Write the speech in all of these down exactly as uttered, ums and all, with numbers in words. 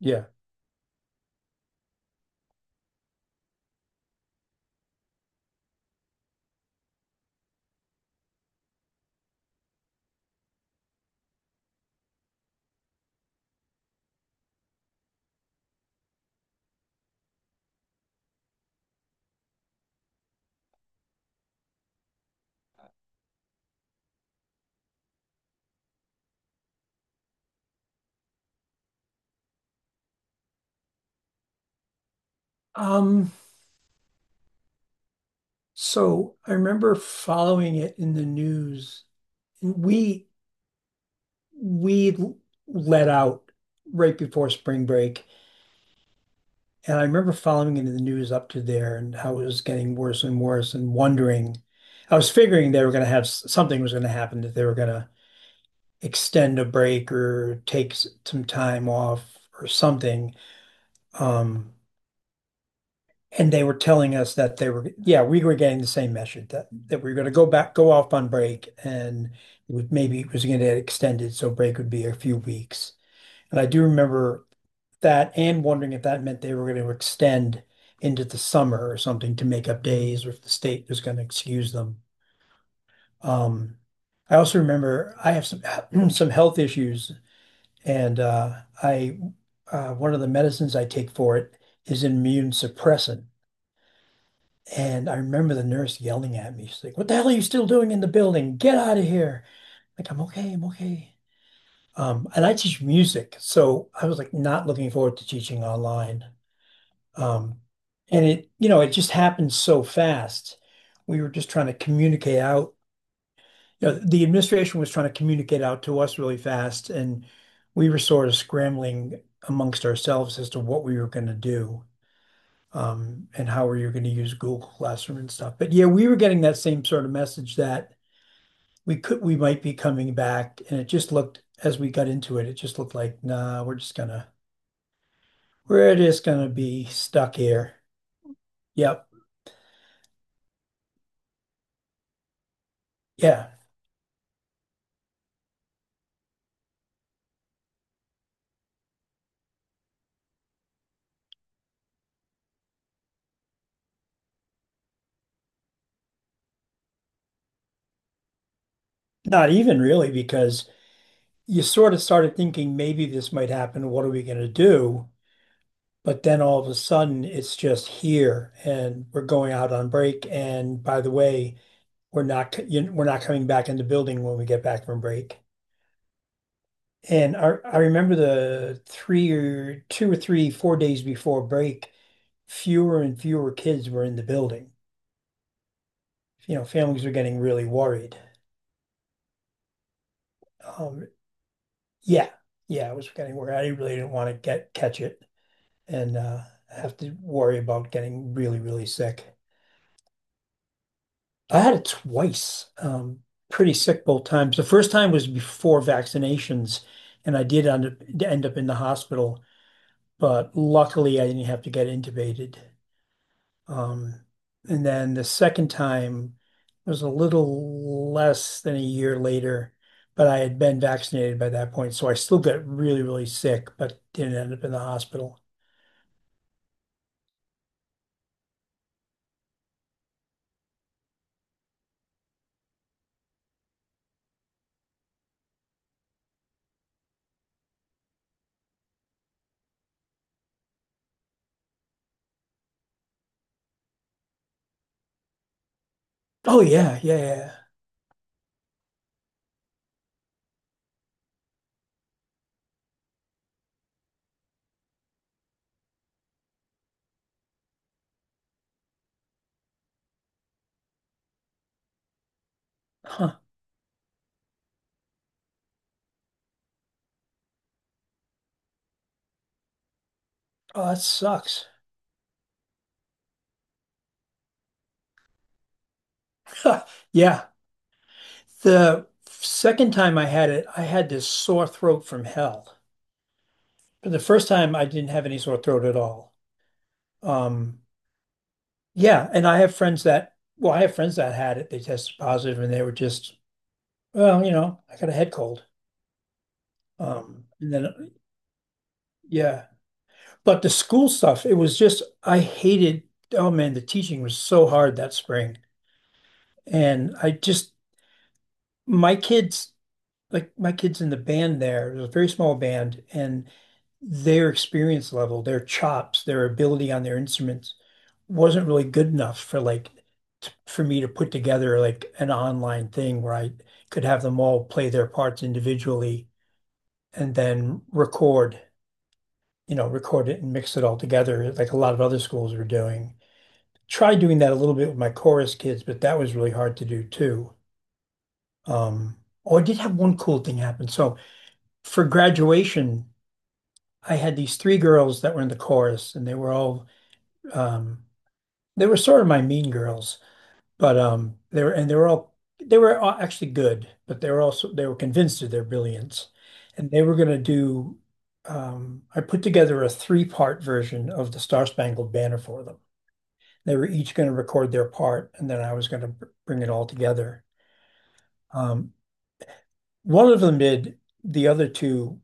Yeah. Um, so I remember following it in the news, and we we let out right before spring break, and I remember following it in the news up to there and how it was getting worse and worse and wondering. I was figuring they were going to have something was going to happen that they were going to extend a break or take s- some time off or something. Um, And they were telling us that they were, yeah, we were getting the same message that, that we were going to go back, go off on break, and it would, maybe it was going to get extended, so break would be a few weeks. And I do remember that and wondering if that meant they were going to extend into the summer or something to make up days, or if the state was going to excuse them. Um, I also remember I have some some health issues, and uh, I uh, one of the medicines I take for it is an immune suppressant. And I remember the nurse yelling at me. She's like, "What the hell are you still doing in the building? Get out of here!" Like, I'm okay, I'm okay. Um, and I teach music, so I was like not looking forward to teaching online. Um, and it, you know, it just happened so fast. We were just trying to communicate out. You know, the administration was trying to communicate out to us really fast, and we were sort of scrambling amongst ourselves as to what we were going to do um, and how are you going to use Google Classroom and stuff. But yeah, we were getting that same sort of message that we could we might be coming back, and it just looked as we got into it, it just looked like nah, we're just gonna we're just gonna be stuck here. Yep, yeah, not even really because you sort of started thinking maybe this might happen. What are we gonna do? But then all of a sudden, it's just here, and we're going out on break. And by the way, we're not c- you- know, we're not coming back in the building when we get back from break. And I, I remember the three or two or three, four days before break, fewer and fewer kids were in the building. You know, families were getting really worried. Um, yeah, yeah, I was getting worried. I really didn't want to get catch it and uh, have to worry about getting really, really sick. I had it twice, um, pretty sick both times. The first time was before vaccinations, and I did end up, end up in the hospital, but luckily I didn't have to get intubated. Um, and then the second time was a little less than a year later, but I had been vaccinated by that point, so I still got really, really sick, but didn't end up in the hospital. Oh yeah, yeah, yeah, yeah. Huh. Oh, that sucks. Yeah. The second time I had it, I had this sore throat from hell. But the first time I didn't have any sore throat at all. Um, yeah, and I have friends that, well, I have friends that had it. They tested positive and they were just well, you know, I got a head cold. Um, and then Yeah, but the school stuff, it was just I hated. Oh man, the teaching was so hard that spring, and I just my kids like my kids in the band there. It was a very small band, and their experience level, their chops, their ability on their instruments wasn't really good enough for like t- for me to put together like an online thing where I could have them all play their parts individually and then record you know, record it and mix it all together like a lot of other schools were doing. Tried doing that a little bit with my chorus kids, but that was really hard to do too. Um, oh, I did have one cool thing happen. So for graduation, I had these three girls that were in the chorus, and they were all um, they were sort of my mean girls, but um, they were and they were all they were all actually good, but they were also they were convinced of their brilliance, and they were going to do. Um, I put together a three-part version of the Star Spangled Banner for them. They were each going to record their part, and then I was going to bring it all together. Um, One of them did, the other two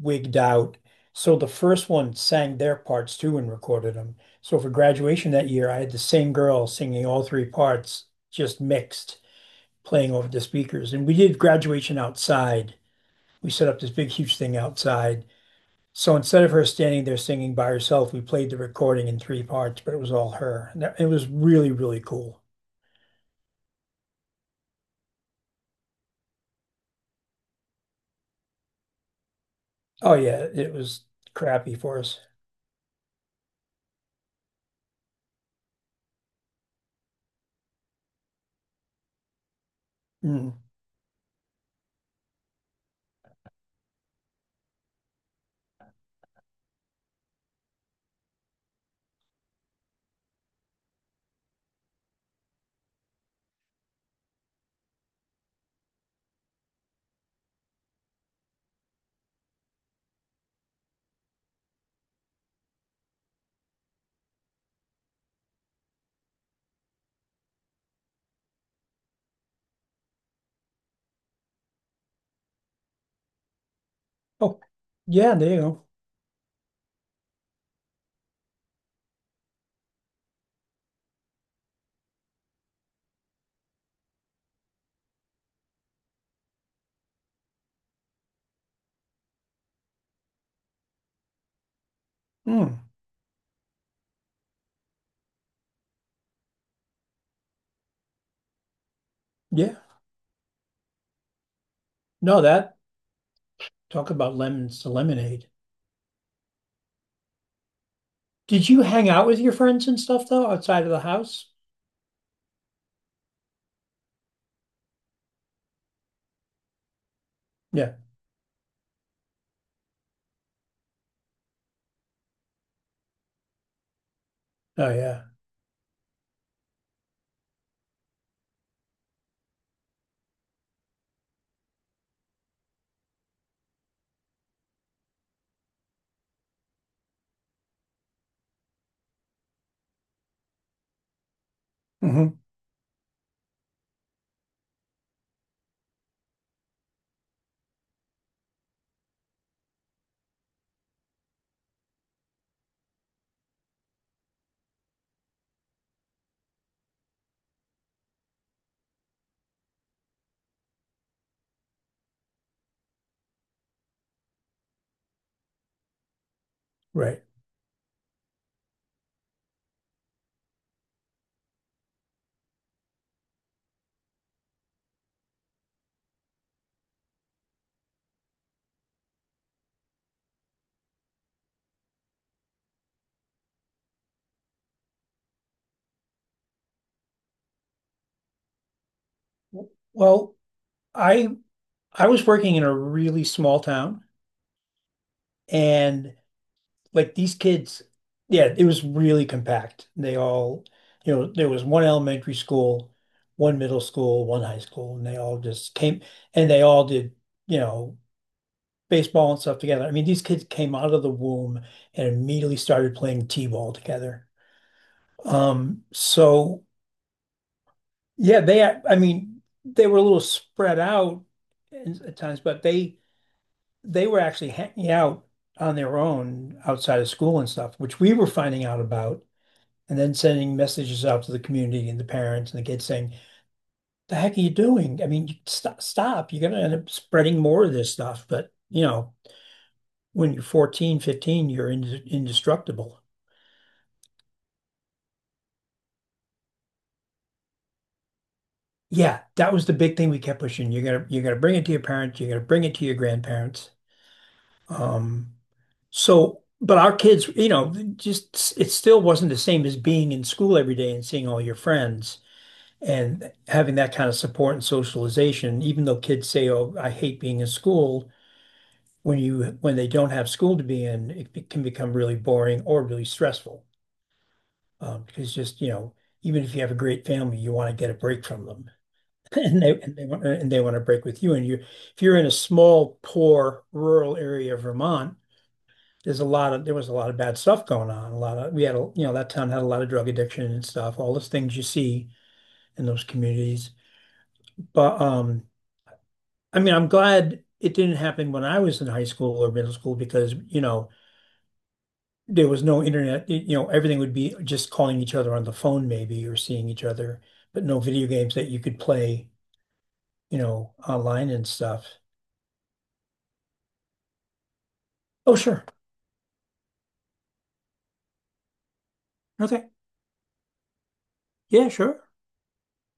wigged out. So the first one sang their parts too and recorded them. So for graduation that year, I had the same girl singing all three parts, just mixed, playing over the speakers. And we did graduation outside. We set up this big, huge thing outside. So instead of her standing there singing by herself, we played the recording in three parts, but it was all her. And it was really, really cool. Oh yeah, it was crappy for us. Mm. Oh, yeah, there you go. Mm. Yeah. No, that talk about lemons to lemonade. Did you hang out with your friends and stuff though outside of the house? Yeah. Oh yeah. Hmm. Right. W- Well, I I was working in a really small town and like these kids, yeah, it was really compact. They all, you know, there was one elementary school, one middle school, one high school, and they all just came and they all did, you know, baseball and stuff together. I mean, these kids came out of the womb and immediately started playing t-ball together. Um, so yeah, they, I mean, they were a little spread out in- at times, but they they were actually hanging out on their own outside of school and stuff, which we were finding out about and then sending messages out to the community and the parents and the kids saying, "The heck are you doing?" I mean, you- stop, stop. You're gonna end up spreading more of this stuff. But you know, when you're fourteen, fifteen, you're ind indestructible. Yeah, that was the big thing we kept pushing. You're gonna you're gonna bring it to your parents. You're gonna bring it to your grandparents. Um, so, but our kids, you know, just it still wasn't the same as being in school every day and seeing all your friends and having that kind of support and socialization. Even though kids say, "Oh, I hate being in school," when you when they don't have school to be in, it be- can become really boring or really stressful. Um, because just, you know, even if you have a great family, you want to get a break from them. And they and they want and they want to break with you. And you if you're in a small, poor, rural area of Vermont, there's a lot of there was a lot of bad stuff going on. A lot of We had a you know, that town had a lot of drug addiction and stuff, all those things you see in those communities. But um I mean, I'm glad it didn't happen when I was in high school or middle school because, you know, there was no internet. y- You know, everything would be just calling each other on the phone maybe or seeing each other, but no video games that you could play, you know, online and stuff. Oh, sure. Okay. Yeah, sure.